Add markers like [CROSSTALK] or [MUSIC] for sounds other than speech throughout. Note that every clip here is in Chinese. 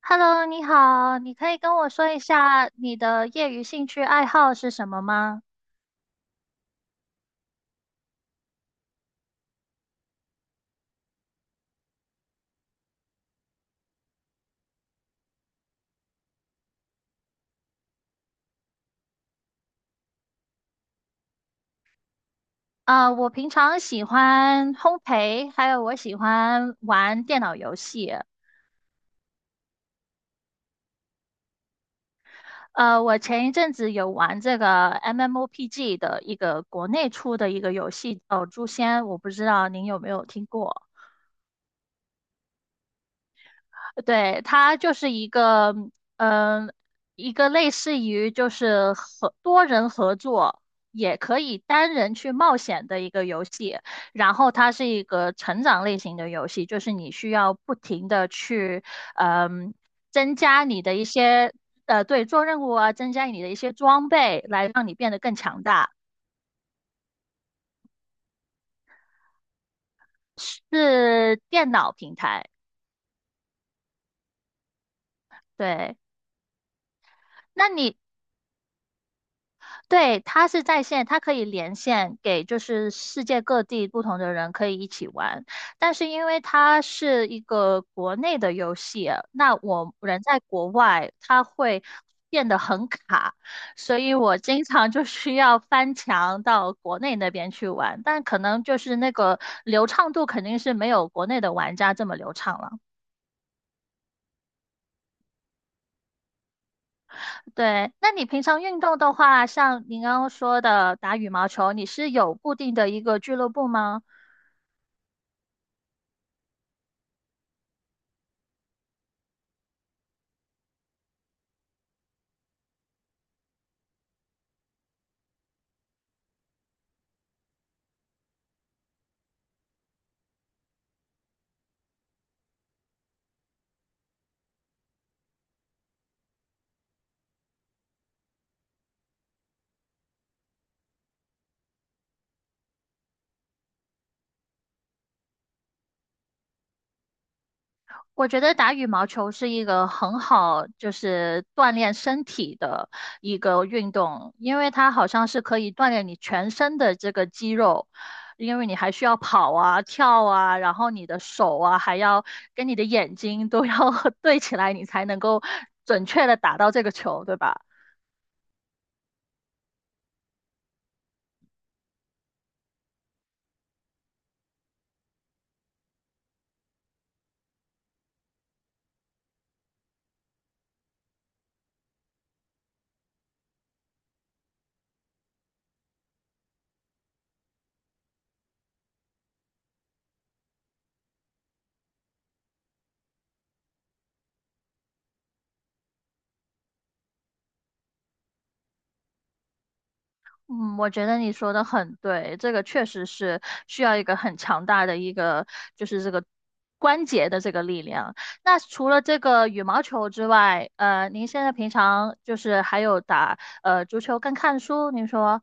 Hello，你好，你可以跟我说一下你的业余兴趣爱好是什么吗？啊、我平常喜欢烘焙，还有我喜欢玩电脑游戏。我前一阵子有玩这个 MMOPG 的一个国内出的一个游戏，叫《诛仙》，我不知道您有没有听过。对，它就是一个，嗯，一个类似于就是合多人合作，也可以单人去冒险的一个游戏。然后它是一个成长类型的游戏，就是你需要不停的去，嗯，增加你的一些，对，做任务啊，增加你的一些装备，来让你变得更强大。是电脑平台，对。那你对，它是在线，它可以连线给就是世界各地不同的人可以一起玩。但是因为它是一个国内的游戏，那我人在国外，它会变得很卡，所以我经常就需要翻墙到国内那边去玩。但可能就是那个流畅度肯定是没有国内的玩家这么流畅了。对，那你平常运动的话，像您刚刚说的打羽毛球，你是有固定的一个俱乐部吗？我觉得打羽毛球是一个很好，就是锻炼身体的一个运动，因为它好像是可以锻炼你全身的这个肌肉，因为你还需要跑啊、跳啊，然后你的手啊，还要跟你的眼睛都要 [LAUGHS] 对起来，你才能够准确的打到这个球，对吧？嗯，我觉得你说的很对，这个确实是需要一个很强大的一个，就是这个关节的这个力量。那除了这个羽毛球之外，您现在平常就是还有打足球跟看书，您说，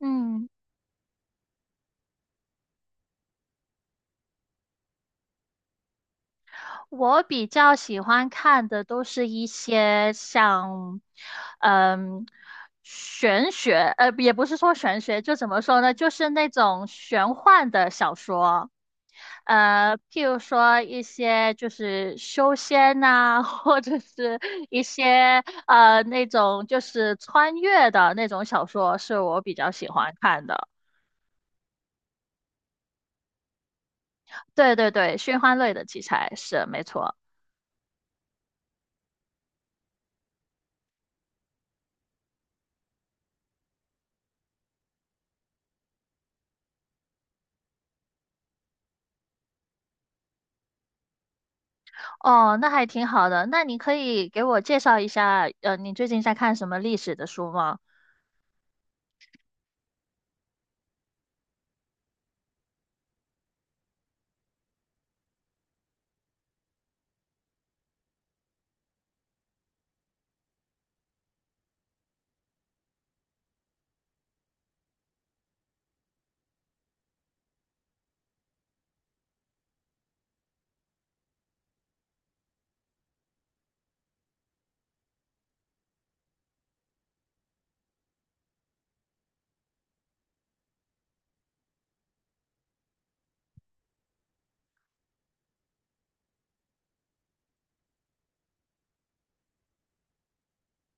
嗯。我比较喜欢看的都是一些像，嗯，玄学，也不是说玄学，就怎么说呢，就是那种玄幻的小说，譬如说一些就是修仙呐、[LAUGHS] 或者是一些那种就是穿越的那种小说，是我比较喜欢看的。对对对，玄幻类的题材是没错。哦，那还挺好的。那你可以给我介绍一下，你最近在看什么历史的书吗？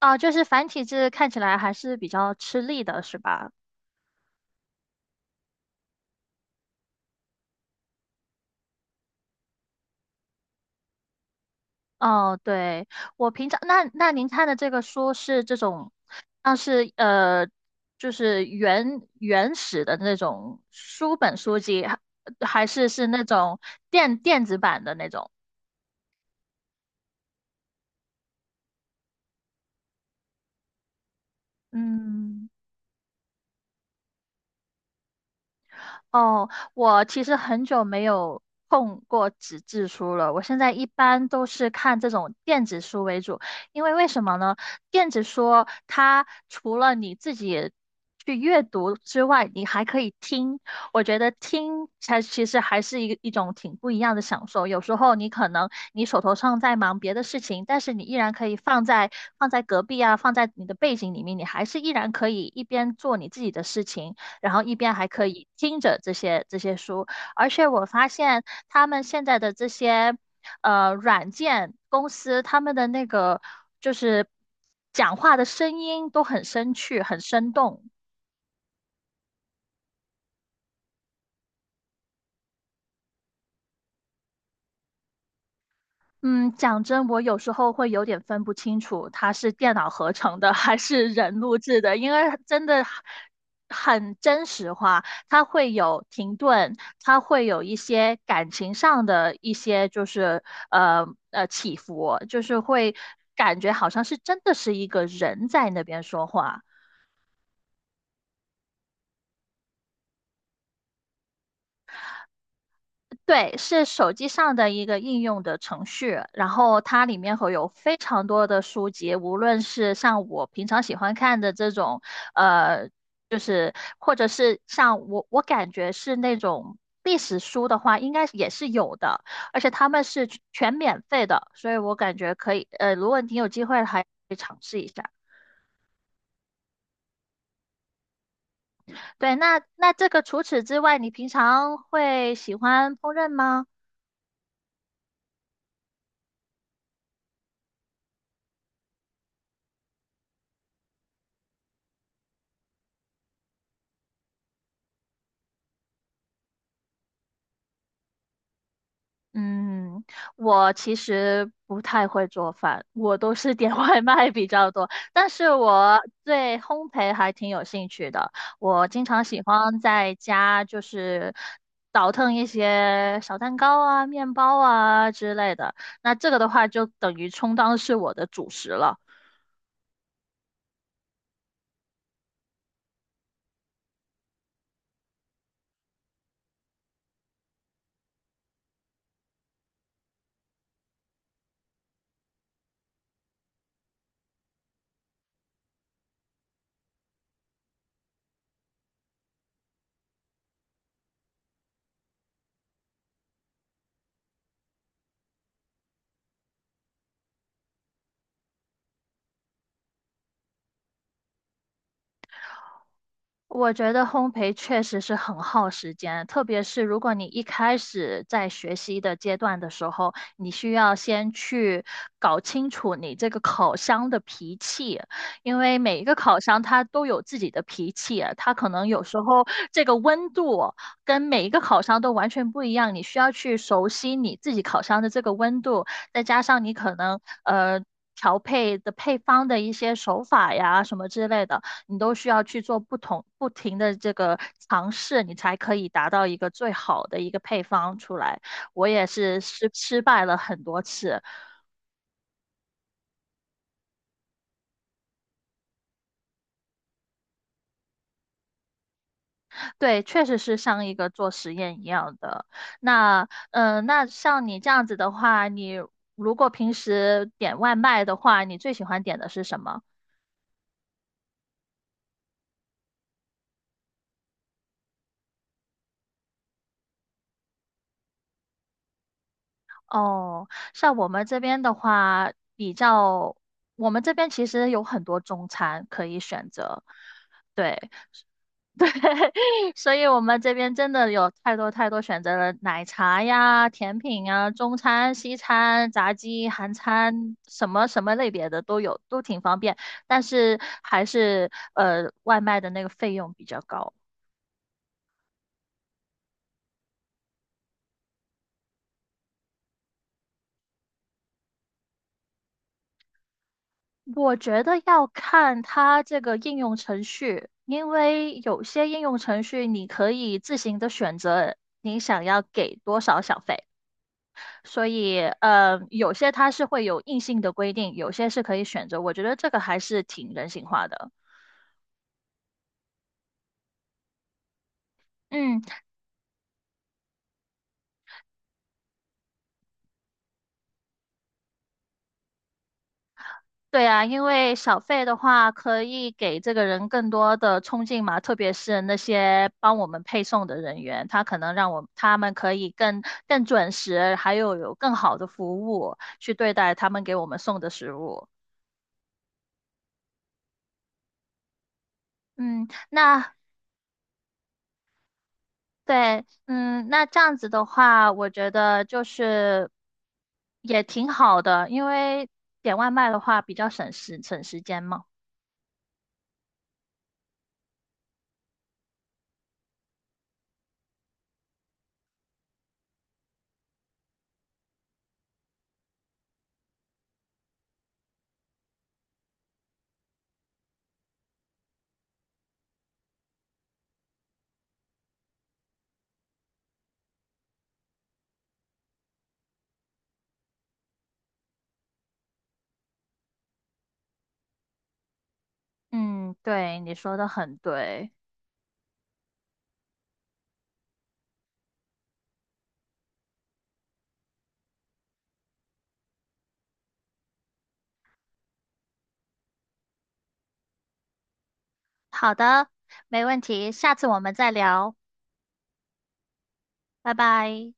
啊，就是繁体字看起来还是比较吃力的，是吧？哦，对，我平常那您看的这个书是这种，像是就是原始的那种书本书籍，还还是是那种电子版的那种？嗯。哦，我其实很久没有碰过纸质书了。我现在一般都是看这种电子书为主，因为为什么呢？电子书它除了你自己去阅读之外，你还可以听。我觉得听才其实还是一个一种挺不一样的享受。有时候你可能你手头上在忙别的事情，但是你依然可以放在隔壁啊，放在你的背景里面，你还是依然可以一边做你自己的事情。然后一边还可以听着这些书，而且我发现他们现在的这些软件公司，他们的那个就是讲话的声音都很生趣，很生动。嗯，讲真，我有时候会有点分不清楚它是电脑合成的还是人录制的，因为真的很真实化，它会有停顿，它会有一些感情上的一些就是起伏，就是会感觉好像是真的是一个人在那边说话。对，是手机上的一个应用的程序，然后它里面会有非常多的书籍，无论是像我平常喜欢看的这种，呃，就是或者是像我感觉是那种历史书的话，应该也是有的，而且他们是全全免费的，所以我感觉可以，如果你有机会还可以尝试一下。对，那那这个除此之外，你平常会喜欢烹饪吗？嗯，我其实不太会做饭，我都是点 [LAUGHS] 外卖比较多。但是我对烘焙还挺有兴趣的，我经常喜欢在家就是倒腾一些小蛋糕啊、面包啊之类的。那这个的话，就等于充当是我的主食了。我觉得烘焙确实是很耗时间，特别是如果你一开始在学习的阶段的时候，你需要先去搞清楚你这个烤箱的脾气，因为每一个烤箱它都有自己的脾气啊，它可能有时候这个温度跟每一个烤箱都完全不一样，你需要去熟悉你自己烤箱的这个温度，再加上你可能调配的配方的一些手法呀，什么之类的，你都需要去做不同不停的这个尝试，你才可以达到一个最好的一个配方出来。我也是失败了很多次，对，确实是像一个做实验一样的。那那像你这样子的话，你如果平时点外卖的话，你最喜欢点的是什么？哦，像我们这边的话，比较我们这边其实有很多中餐可以选择，对。[LAUGHS] 所以我们这边真的有太多太多选择了，奶茶呀、甜品啊、中餐、西餐、炸鸡、韩餐，什么什么类别的都有，都挺方便。但是还是外卖的那个费用比较高。我觉得要看它这个应用程序，因为有些应用程序你可以自行的选择你想要给多少小费。所以，有些它是会有硬性的规定，有些是可以选择。我觉得这个还是挺人性化的。嗯，对啊，因为小费的话可以给这个人更多的冲劲嘛，特别是那些帮我们配送的人员，他可能让我他们可以更准时，还有更好的服务去对待他们给我们送的食物。嗯，那对，嗯，那这样子的话，我觉得就是也挺好的，因为点外卖的话比较省时间嘛。嗯，对，你说的很对。好的，没问题，下次我们再聊，拜拜。